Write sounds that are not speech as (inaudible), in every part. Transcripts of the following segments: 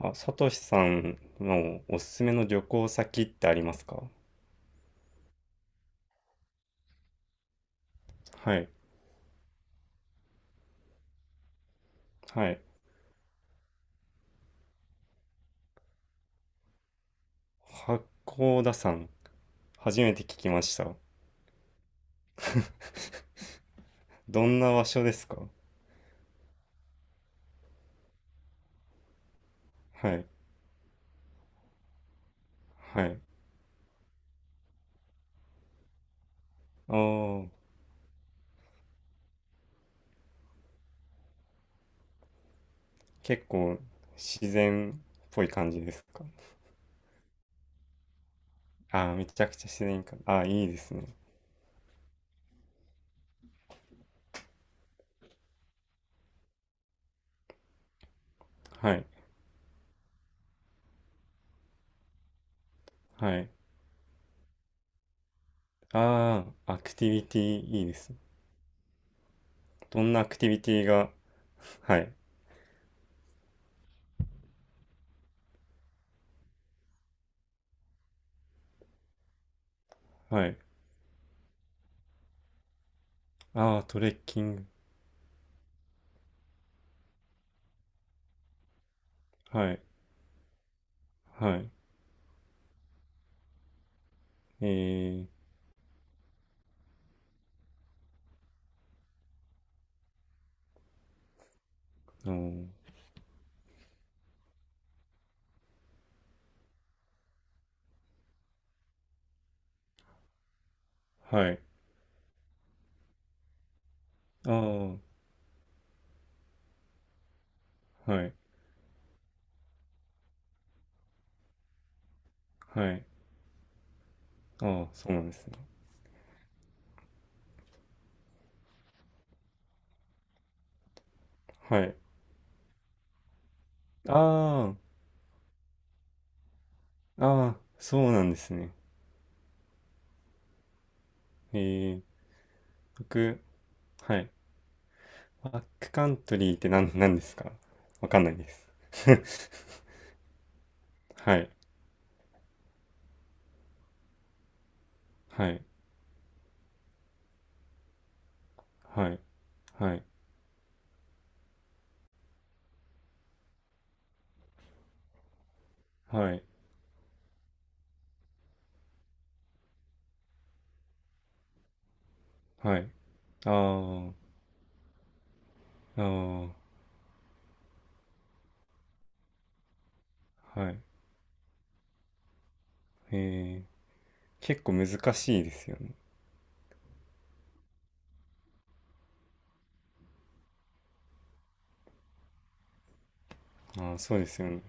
あ、さとしさんのおすすめの旅行先ってありますか？はい。はい。八甲田山。初めて聞きました。どんな場所ですか？はい。はい。ああ、結構自然っぽい感じですか？ああー、めちゃくちゃ自然か。あー、いいですね。はい。はい。ああ、アクティビティいいですね。どんなアクティビティが、はい。はい。ああ、トレッキング。はい。はい。えー、うん。はい。ああ、はい。はい。ああ、そうなんですね。はい。ああ、ああ、そうなんですね。ええ、僕、はい。バックカントリーって何ですか？わかんないです。(laughs) はい。はい。はい。はい。はい。はい。ああ、ああ、はい。ええ、結構難しいですよね。ああ、そうですよね。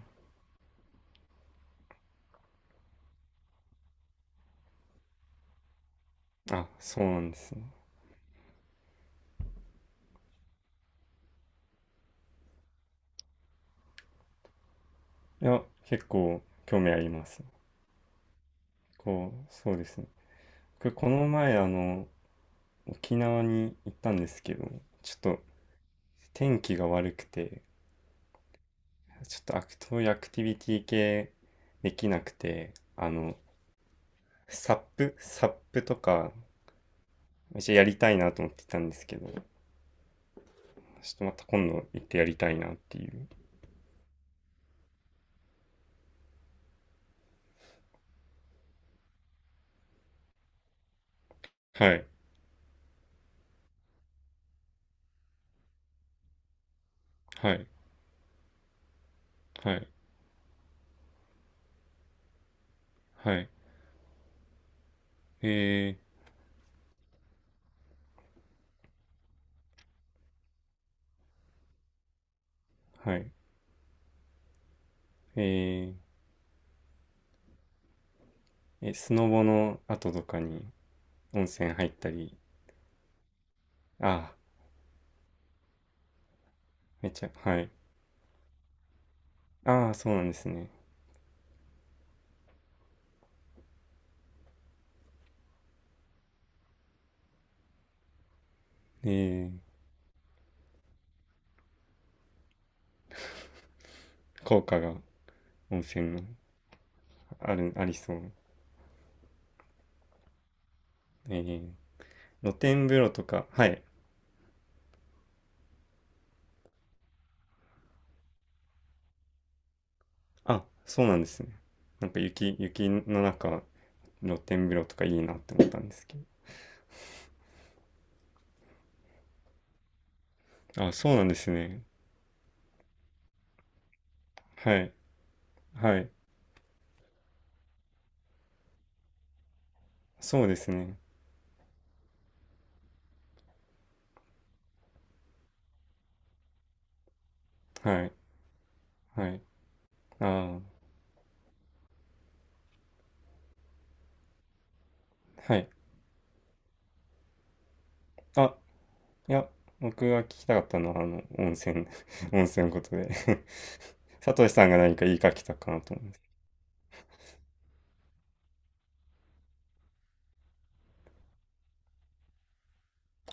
あ、そうなんですね。いや、結構興味あります。こう、そうですね。僕この前あの沖縄に行ったんですけど、ちょっと天気が悪くて、ちょっとアクティビティ系できなくて、あの、サップとかめっちゃやりたいなと思ってたんですけど、ちょっとまた今度行ってやりたいなっていう。はい。はい。はい。はい。えー、はい。えー、えスノボの後とかに温泉入ったり。ああー、めっちゃはい。ああー、そうなんですね。えー効果が、温泉のあるありそう。えー露天風呂とか、はい。あ、そうなんですね。なんか雪の中、露天風呂とかいいなって思ったんですけど。あ、そうなんですね。はい。はい。そうですね。はい。はい。ああ、はい。あ、いや、僕が聞きたかったのは、あの、温泉、(laughs) 温泉のことで、 (laughs) 佐藤さんが何か言いかけたかなと思うんです。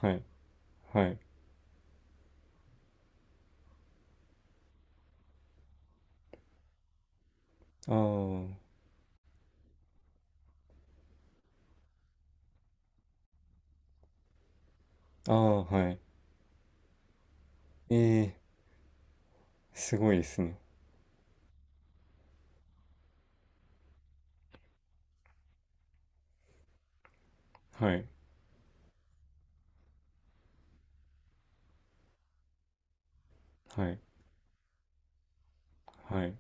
はい。はい。ああ、ああ、はい。ええ、すごいですね。はい。はい、はい。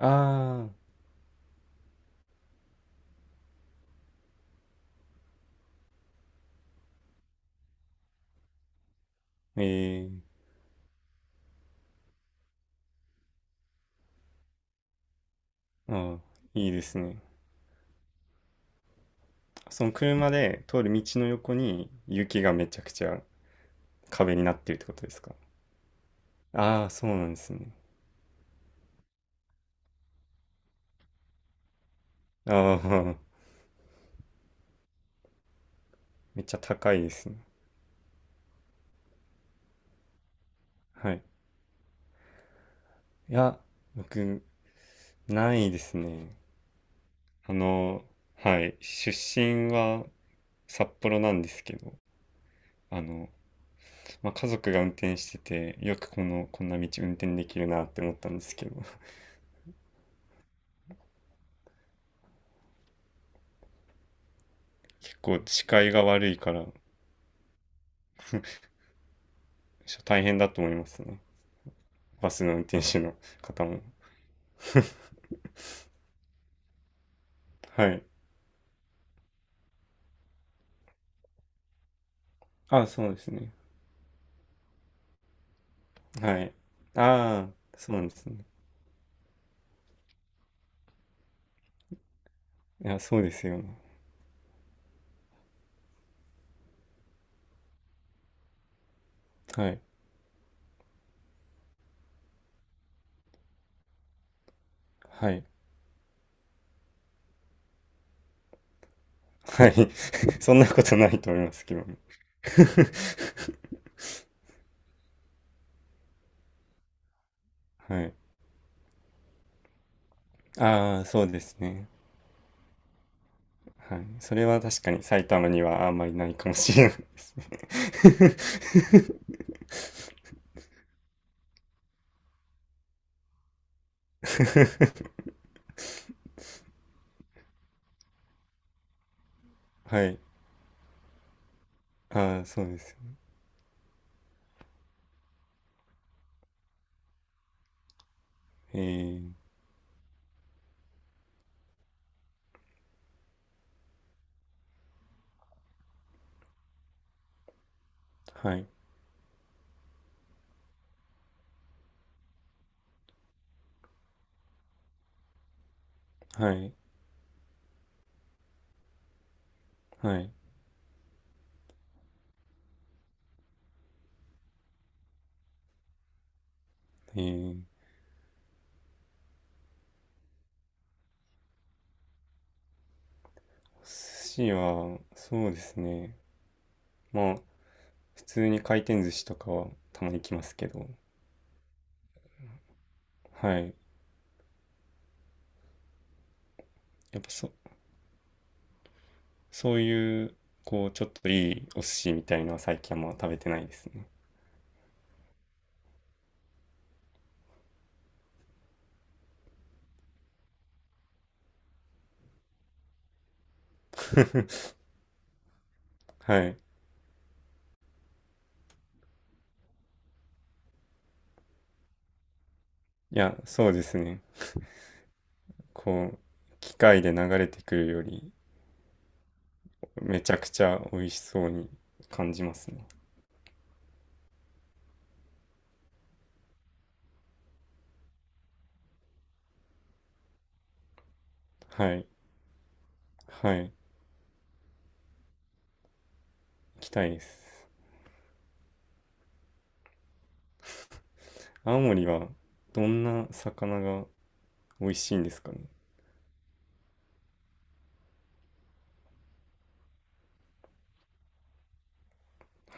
ああ、ええ。ああ、いいですね。その車で通る道の横に雪がめちゃくちゃ壁になってるってことですか？ああ、そうなんですね。ああ、めっちゃ高いですね。はい。いや、僕、ないですね。あの、はい、出身は札幌なんですけど、あの、まあ、家族が運転してて、よくこの、こんな道運転できるなって思ったんですけど、(laughs) 結構視界が悪いから、大変だと思いますね。バスの運転手の方も。はい。あ、そうですね。はい。ああ、そうなんですね。いや、そうですよね。はい。はい。はい。(laughs) そんなことないと思いますけどね。(laughs) はい。ああ、そうですね。はい。それは確かに埼玉にはあんまりないかもしれないですね。(laughs) はい。ああ、そうですよね。えー、はい。はい。はい。えー、寿司は、そうですね。まあ、普通に回転寿司とかはたまに来ますけど、はい。やっぱそ、そういう、こう、ちょっといいお寿司みたいのは最近はんまあ食べてないですね。(laughs) はい。いや、そうですね。こう、機械で流れてくるより、めちゃくちゃ美味しそうに感じますね。はい。はい。行きたいです。青森は、どんな魚が美味しいんですかね。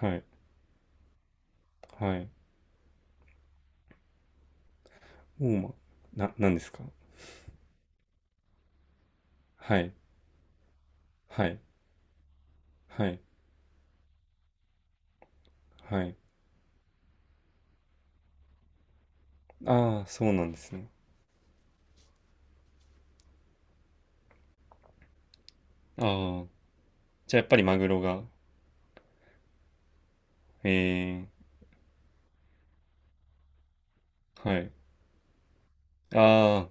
はい。はい。ウォーマーなんですか？はい。はい。はい。はい。ああ、そうなんですね。ああ。じゃあやっぱりマグロが。ええ。はい。ああ。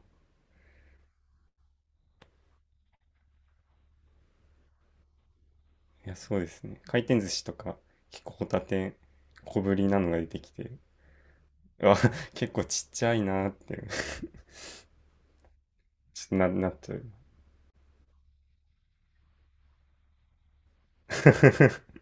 いや、そうですね。回転寿司とか、結構ホタテ、小ぶりなのが出てきて、あ、結構ちっちゃいなーって、ちょっとな、なっちゃう。(laughs)